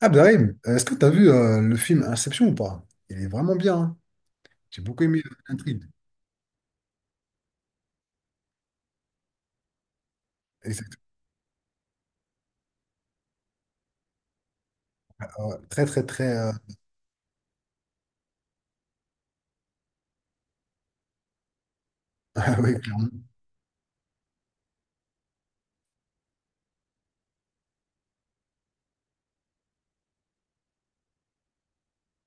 Abderrahim, est-ce que tu as vu le film Inception ou pas? Il est vraiment bien, hein. J'ai beaucoup aimé l'intrigue. Exact. Ouais, très, très, très. Ah oui, clairement.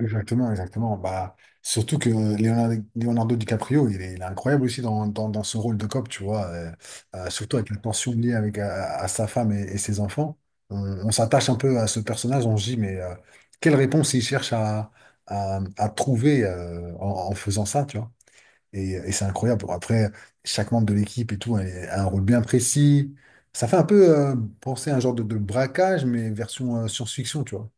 Exactement, exactement. Bah, surtout que Leonardo DiCaprio, il est incroyable aussi dans ce rôle de cop, tu vois. Surtout avec la tension liée avec, à sa femme et ses enfants. On, on s'attache un peu à ce personnage, on se dit, mais quelle réponse il cherche à trouver, en faisant ça, tu vois? Et c'est incroyable. Bon, après, chaque membre de l'équipe et tout a un rôle bien précis. Ça fait un peu penser à un genre de braquage, mais version science-fiction, tu vois.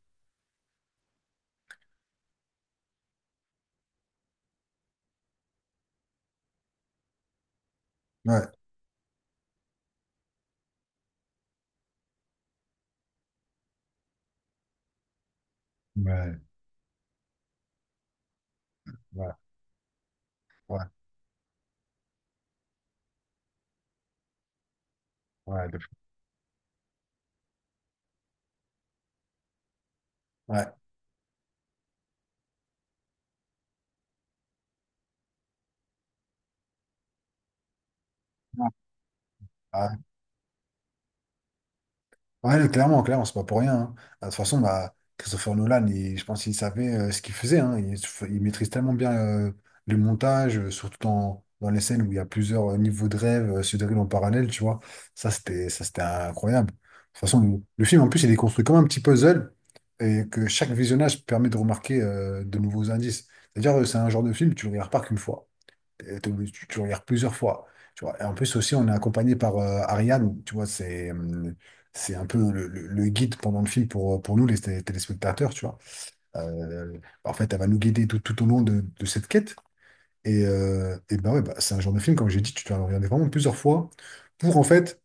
Ouais, ouais, ouais, ouais, ouais, ouais. Ah, ouais, non, clairement, clairement, c'est pas pour rien, hein. Ah, de toute façon, bah, Christopher Nolan, je pense qu'il savait ce qu'il faisait, hein. Il maîtrise tellement bien, le montage, surtout dans les scènes où il y a plusieurs niveaux de rêve se déroulent en parallèle, tu vois. Ça, c'était incroyable. De toute façon, le film, en plus, il est construit comme un petit puzzle et que chaque visionnage permet de remarquer, de nouveaux indices. C'est-à-dire, c'est un genre de film, tu le regardes pas qu'une fois, tu regardes plusieurs fois. Tu vois. Et en plus aussi, on est accompagné par Ariane, tu vois, c'est un peu le guide pendant le film pour nous, les téléspectateurs, tu vois. Euh, en fait, elle va nous guider tout au long de cette quête. Et ben ouais, bah, c'est un genre de film, comme j'ai dit, tu dois le regarder vraiment plusieurs fois pour en fait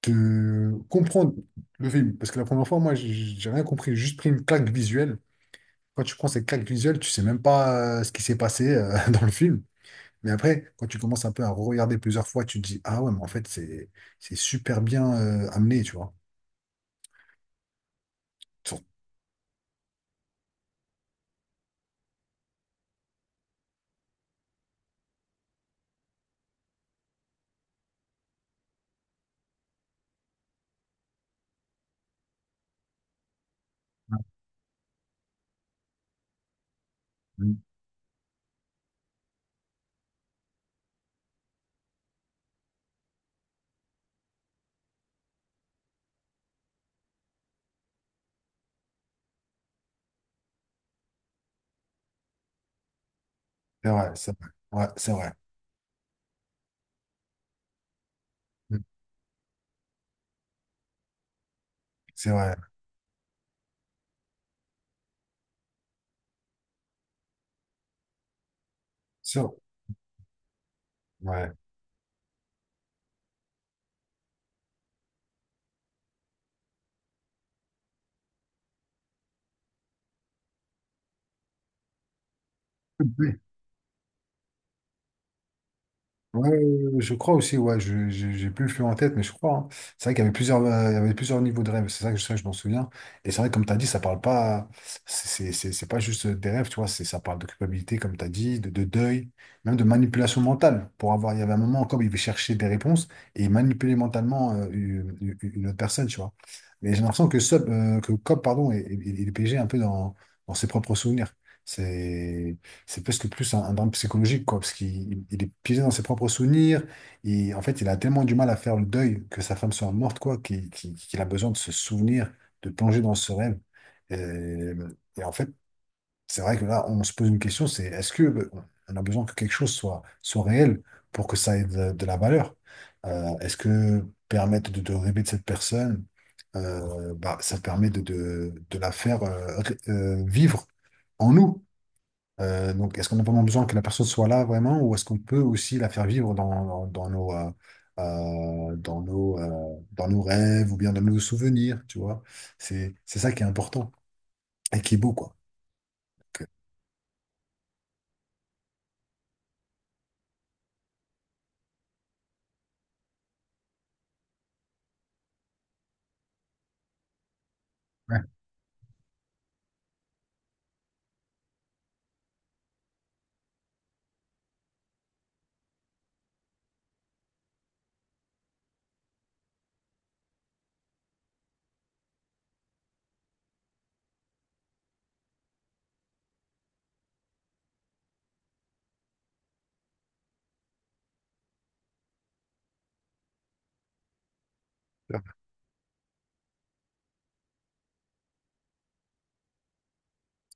te comprendre le film. Parce que la première fois, moi, j'ai rien compris, j'ai juste pris une claque visuelle. Quand tu prends cette claque visuelle, tu sais même pas ce qui s'est passé dans le film. Mais après, quand tu commences un peu à regarder plusieurs fois, tu te dis, ah ouais, mais en fait, c'est super bien, amené, tu vois. Sur- Mm. C'est vrai, c'est vrai. Ouais, c'est vrai. Mm. C'est vrai. Sur- Ouais. Ouais, je crois aussi, ouais, j'ai plus le flux en tête, mais je crois, hein. C'est vrai qu'il y avait il y avait plusieurs niveaux de rêves, c'est ça que ça, je m'en souviens. Et c'est vrai, comme tu as dit, ça parle pas, c'est pas juste des rêves, tu vois, ça parle de culpabilité, comme tu as dit, de deuil, même de manipulation mentale. Pour avoir, il y avait un moment, comme il cherchait des réponses et il manipulait mentalement une autre personne, tu vois. Mais j'ai l'impression que Cobb, pardon, est piégé un peu dans ses propres souvenirs. C'est. C'est presque plus un, drame psychologique, quoi, parce qu'il il est piégé dans ses propres souvenirs. Et en fait, il a tellement du mal à faire le deuil que sa femme soit morte, quoi, qu'il a besoin de se souvenir, de plonger dans ce rêve. Et, et en fait, c'est vrai que là, on se pose une question, c'est est-ce que on a besoin que quelque chose soit réel pour que ça ait de la valeur? Est-ce que permettre de rêver de cette personne, bah, ça permet de la faire, vivre en nous? Donc, est-ce qu'on a vraiment besoin que la personne soit là vraiment, ou est-ce qu'on peut aussi la faire vivre dans nos rêves ou bien dans nos souvenirs, tu vois? C'est ça qui est important et qui est beau, quoi. Donc, euh, ouais.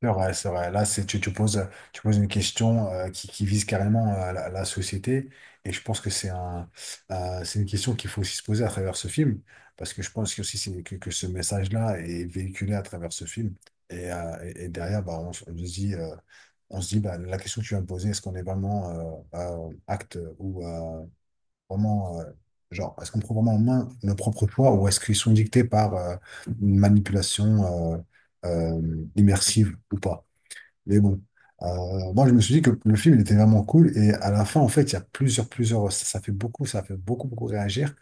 C'est vrai, c'est vrai. Là, c'est, tu, tu poses une question, qui vise carrément, la société. Et je pense que c'est une question qu'il faut aussi se poser à travers ce film. Parce que je pense que, aussi que ce message-là est véhiculé à travers ce film. Et derrière, bah, on se dit, bah, la question que tu viens de poser, est-ce qu'on est vraiment acte ou vraiment. Genre, est-ce qu'on prend vraiment en main nos propres choix ou est-ce qu'ils sont dictés par une manipulation immersive ou pas? Mais bon, moi je me suis dit que le film il était vraiment cool et à la fin en fait il y a plusieurs plusieurs ça fait beaucoup, ça fait beaucoup beaucoup réagir.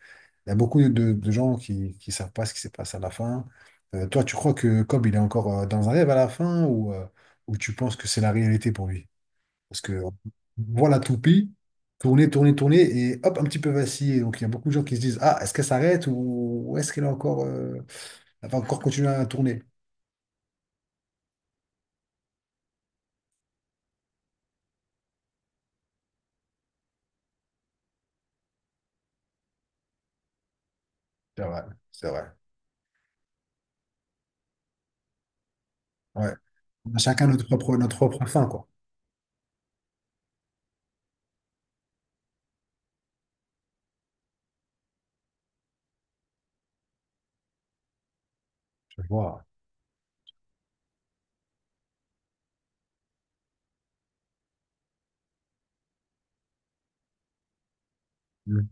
Il y a beaucoup de gens qui savent pas ce qui s'est passé à la fin. Toi tu crois que Cobb il est encore dans un rêve à la fin ou tu penses que c'est la réalité pour lui? Parce que voilà toupie tourner tourner tourner et hop un petit peu vaciller. Donc il y a beaucoup de gens qui se disent ah est-ce qu'elle s'arrête ou est-ce qu'elle est encore elle va encore continuer à tourner? C'est vrai, c'est vrai. Ouais. On a chacun notre propre fin, quoi. Je vois. Mhm.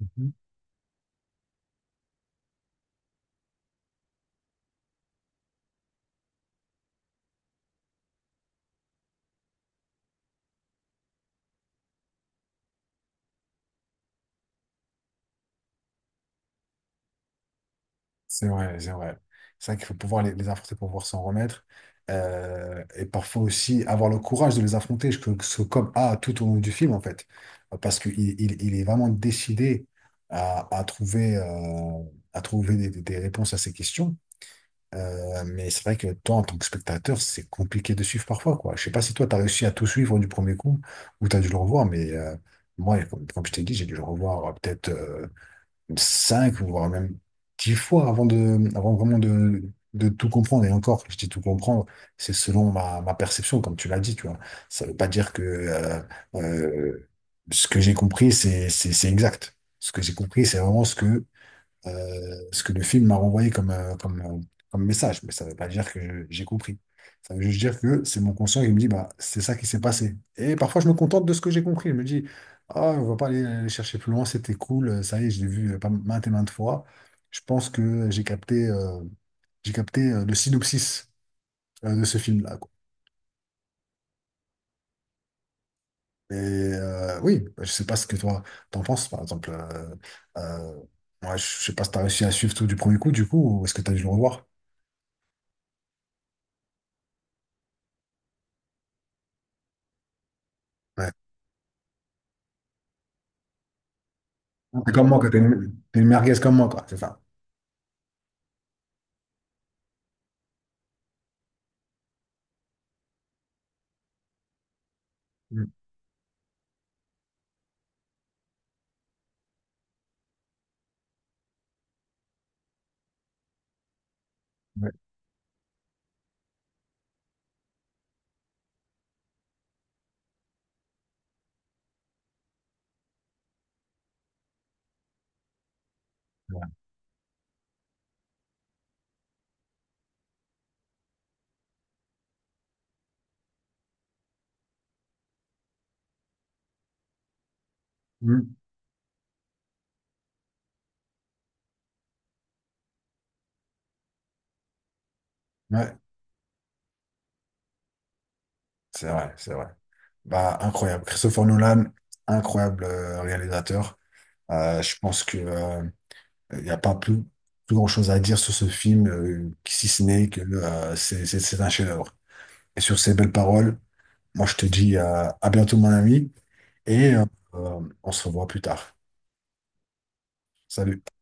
Mhm. C'est vrai, c'est vrai. C'est vrai qu'il faut pouvoir les affronter pour pouvoir s'en remettre. Et parfois aussi avoir le courage de les affronter, ce que Cobb a tout au long du film, en fait. Parce qu'il il est vraiment décidé à, à trouver, euh, à trouver, des réponses à ces questions. Mais c'est vrai que toi, en tant que spectateur, c'est compliqué de suivre parfois, quoi. Je sais pas si toi, tu as réussi à tout suivre du premier coup ou tu as dû le revoir, mais moi, comme je t'ai dit, j'ai dû le revoir, peut-être cinq ou voire même 10 fois avant vraiment de tout comprendre. Et encore, je dis tout comprendre, c'est selon ma perception, comme tu l'as dit, tu vois. Ça veut pas dire que euh, ce que j'ai compris, c'est exact. Ce que j'ai compris, c'est vraiment ce que le film m'a renvoyé comme message. Mais ça ne veut pas dire que j'ai compris. Ça veut juste dire que c'est mon conscient qui me dit, bah, c'est ça qui s'est passé. Et parfois, je me contente de ce que j'ai compris. Je me dis, ah, on ne va pas aller chercher plus loin, c'était cool, ça y est, je l'ai vu, pas maintes et maintes fois. Je pense que j'ai capté, le synopsis de ce film-là, quoi. Et oui, bah, je sais pas ce que toi t'en penses, par exemple. Euh, Moi, je sais pas si t'as réussi à suivre tout du premier coup, du coup, ou est-ce que t'as dû le revoir? T'es comme moi, quoi. T'es une merguez comme moi, quoi. C'est ça. Mm. Ouais, c'est vrai. Mm. Ouais, c'est vrai, c'est vrai. Bah, incroyable. Christopher Nolan, incroyable, réalisateur. Je pense que il n'y a pas plus grand-chose à dire sur ce film, si ce n'est que c'est un chef-d'œuvre. Et sur ces belles paroles, moi, je te dis, à bientôt, mon ami, et on se revoit plus tard. Salut.